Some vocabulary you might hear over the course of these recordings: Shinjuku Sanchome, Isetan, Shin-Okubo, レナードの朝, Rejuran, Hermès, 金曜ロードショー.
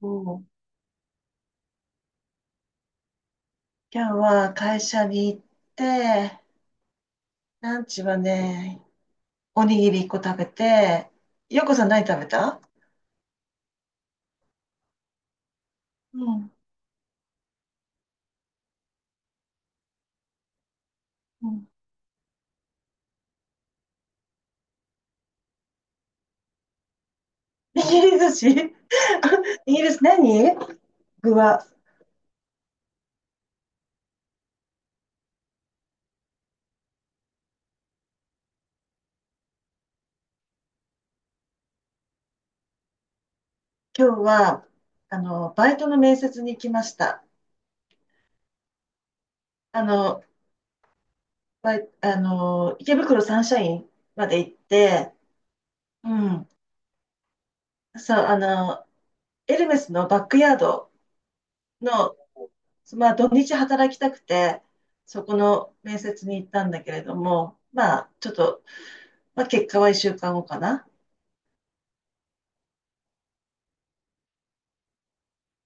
もう、今日は会社に行って、ランチはね、おにぎり1個食べて、ようこさん何食べた？うん。うん。握り寿司。 イギリス何、具は、今日は、バイトの面接に行きました。あの、バイ、あの、池袋サンシャインまで行って、うん。そう、エルメスのバックヤードの、まあ、土日働きたくて、そこの面接に行ったんだけれども、まあ、ちょっと、まあ、結果は1週間後かな。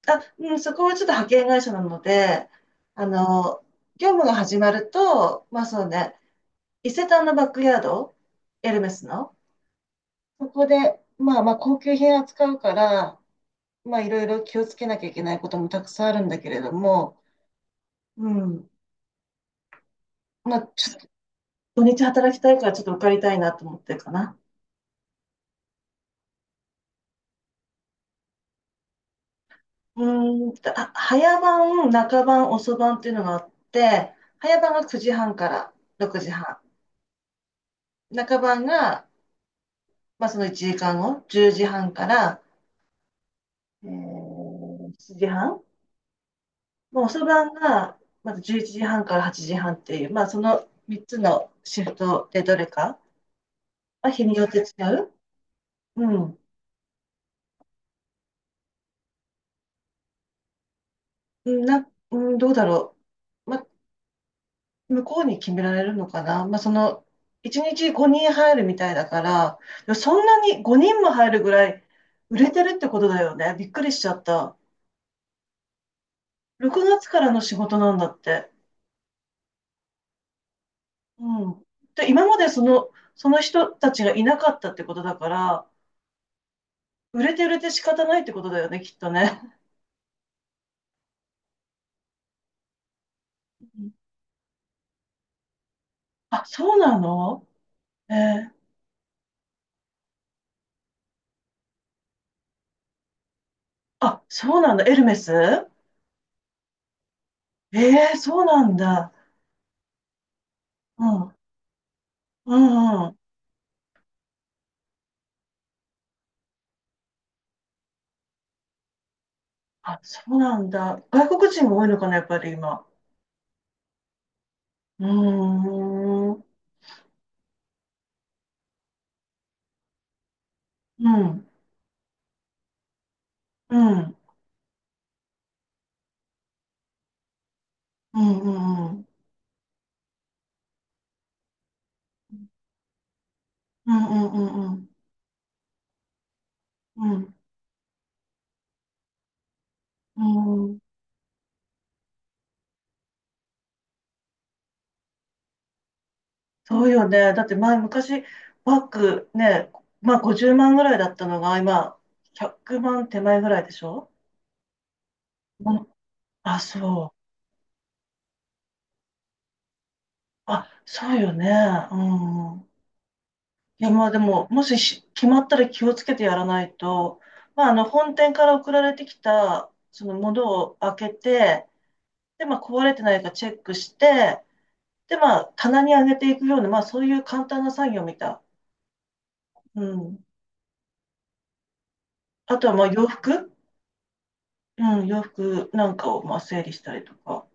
あ、うん、そこはちょっと派遣会社なので、あの、業務が始まると、まあそうね、伊勢丹のバックヤード、エルメスの、そこで、まあまあ高級品扱うから、まあいろいろ気をつけなきゃいけないこともたくさんあるんだけれども、うん、まあちょっと土日働きたいからちょっと受かりたいなと思ってるかな。うーん、あ、早番、中番、遅番っていうのがあって、早番が9時半から6時半。中番が、まあ、その1時間後、10時半から、えー、7時半。もう遅番が、まず11時半から8時半っていう、まあ、その3つのシフトでどれか、まあ、日によって違う。うん。うんな、うん、どうだろう。まあ、向こうに決められるのかな。まあ、その、1日5人入るみたいだから、でもそんなに5人も入るぐらい売れてるってことだよね。びっくりしちゃった。6月からの仕事なんだって。うん。で、今までその人たちがいなかったってことだから、売れて売れて仕方ないってことだよね、きっとね。うん。あ、そうなの？えーあ、そうなんだ。エルメス。そうなんだ。うん。うん。あ、そうなんだ。外国人が多いのかな、やっぱり今。うーん。うん。うん。うん。うん。うん。うんうんうんうん。うん。うんうんうんうんうん。そうよね。だって前、昔、バッグね、まあ50万ぐらいだったのが、今、100万手前ぐらいでしょ？うん。あ、そう。あ、そうよね。うん。いや、まあでも、もし決まったら気をつけてやらないと、まあ、本店から送られてきた、そのものを開けて、で、まあ、壊れてないかチェックして、で、まあ、棚に上げていくような、まあ、そういう簡単な作業みたい。うん。あとは、まあ、洋服なんかを、まあ、整理したりとか、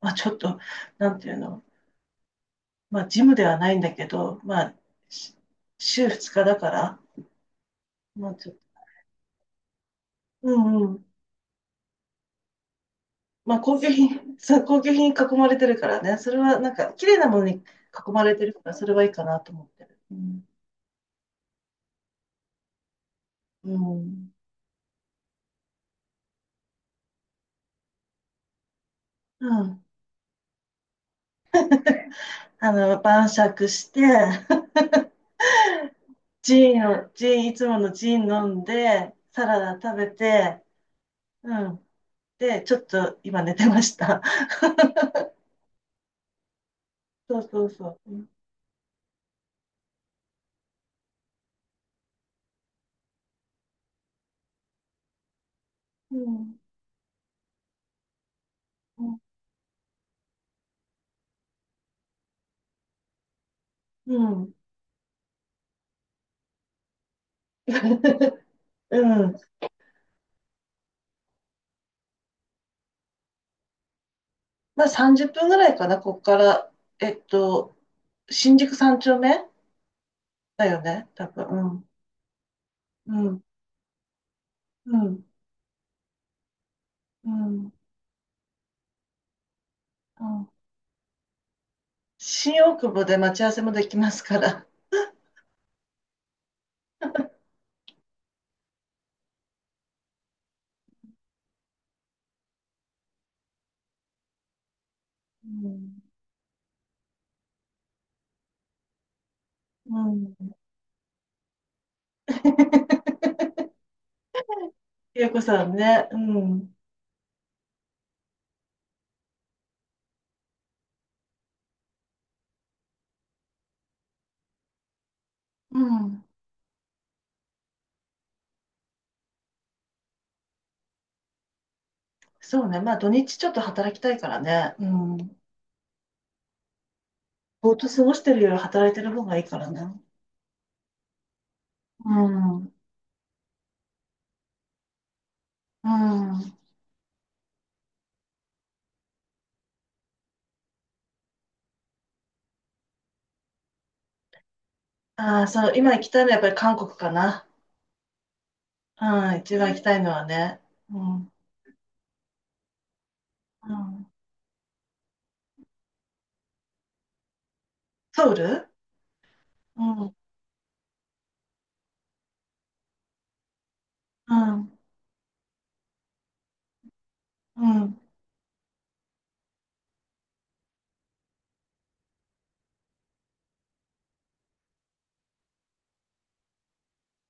まあ、ちょっと、なんていうの、まあ、ジムではないんだけど、まあ、し週2日だから、まあ、ちょっと、うんうん。まあ、高級品、そう、高級品に囲まれてるからね、それはなんか、綺麗なものに囲まれてるから、それはいいかなと思ってる。うん。うん。うん。晩酌して、ジーンを、ジーン、いつものジーン飲んで、サラダ食べて、うん。で、ちょっと今寝てました。そうそうそう。うん。うん。うん。うん。まあ30分ぐらいかな、こっから。えっと、新宿三丁目だよね、多分。うん。うん。うん。うん。うん。新大久保で待ち合わせもできますから。うん。うん。ゆうこさんね。うん。うん。そうね。まあ土日ちょっと働きたいからね。うん。ぼーっと過ごしてるより働いてる方がいいからね。うん。うん。ああ、そう。今行きたいのはやっぱり韓国かな。うん。一番行きたいのはね。うん。うん。ソウル？うん。うん。うん。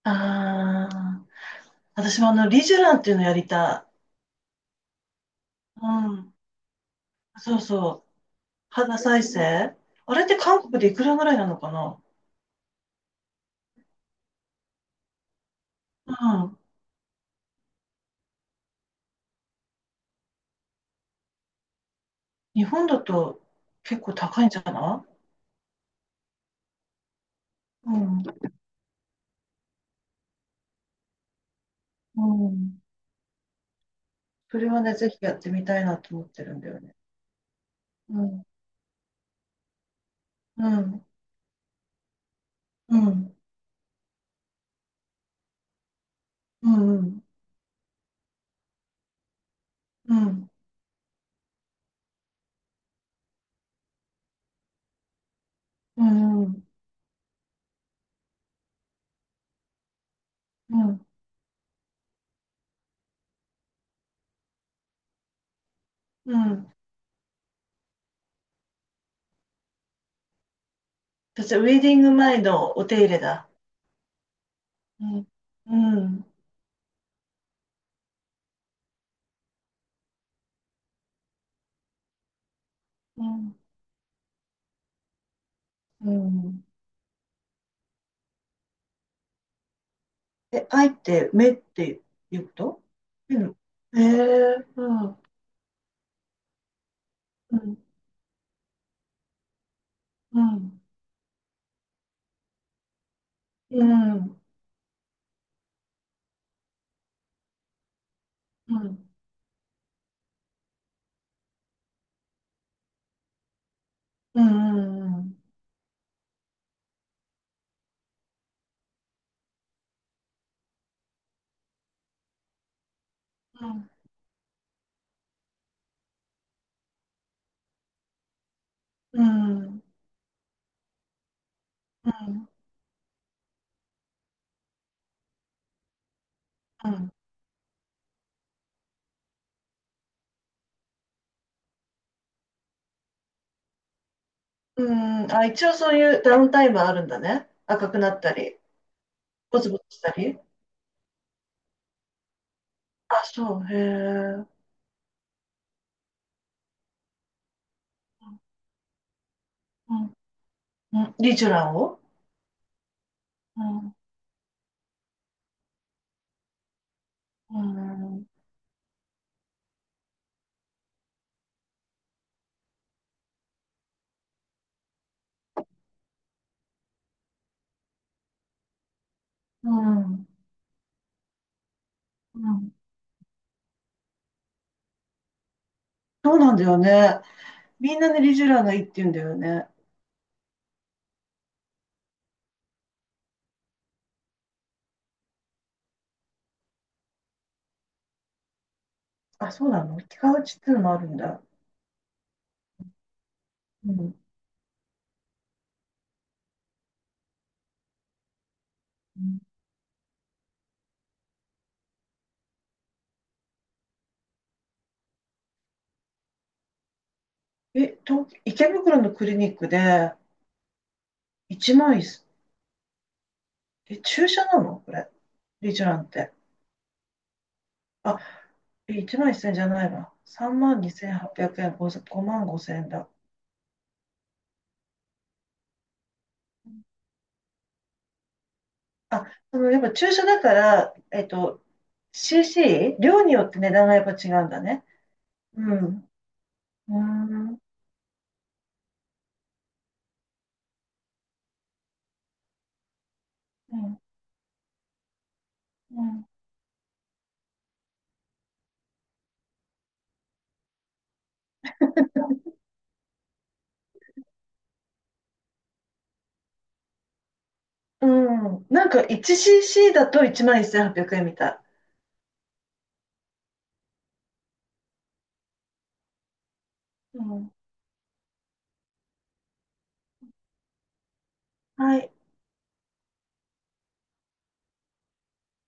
ああ。私もリジュランっていうのやりたい。うん。そうそう。肌再生。あれって韓国でいくらぐらいなのかな。うん。日本だと結構高いんじゃない？うん。うん。それはね、ぜひやってみたいなと思ってるんだよね。うん、うん、うん、うん、うん、うん、うん、うん、うん。私はウェディング前のお手入れだ。うん、うん、うん、うん。え、愛って目って言うこと？うん。ええうん、うん、うん、うん、うん、うん、うん、うん、うん、うん、うん。あ、一応そういうダウンタイムはあるんだね。赤くなったり。ボツボツしたり。あ、そう、へえ。うん。うん、リジュラを。うん、うん、うん、うん。そうなんだよね。みんなね、リジュラがいいって言うんだよね。あ、そうなの？気がちっていうのもあるんだ。うん。うん。え、東、池袋のクリニックで1万1000、え、注射なのこれ？リジュランって。あ、え1万1000じゃないわ。3万2800円、5、5万5000円だ。あ、やっぱ注射だから、CC？ 量によって値段がやっぱ違うんだね。うん。うーん。うん。うん。うん。なんか 1cc だと11,800円みたい。うん。はい。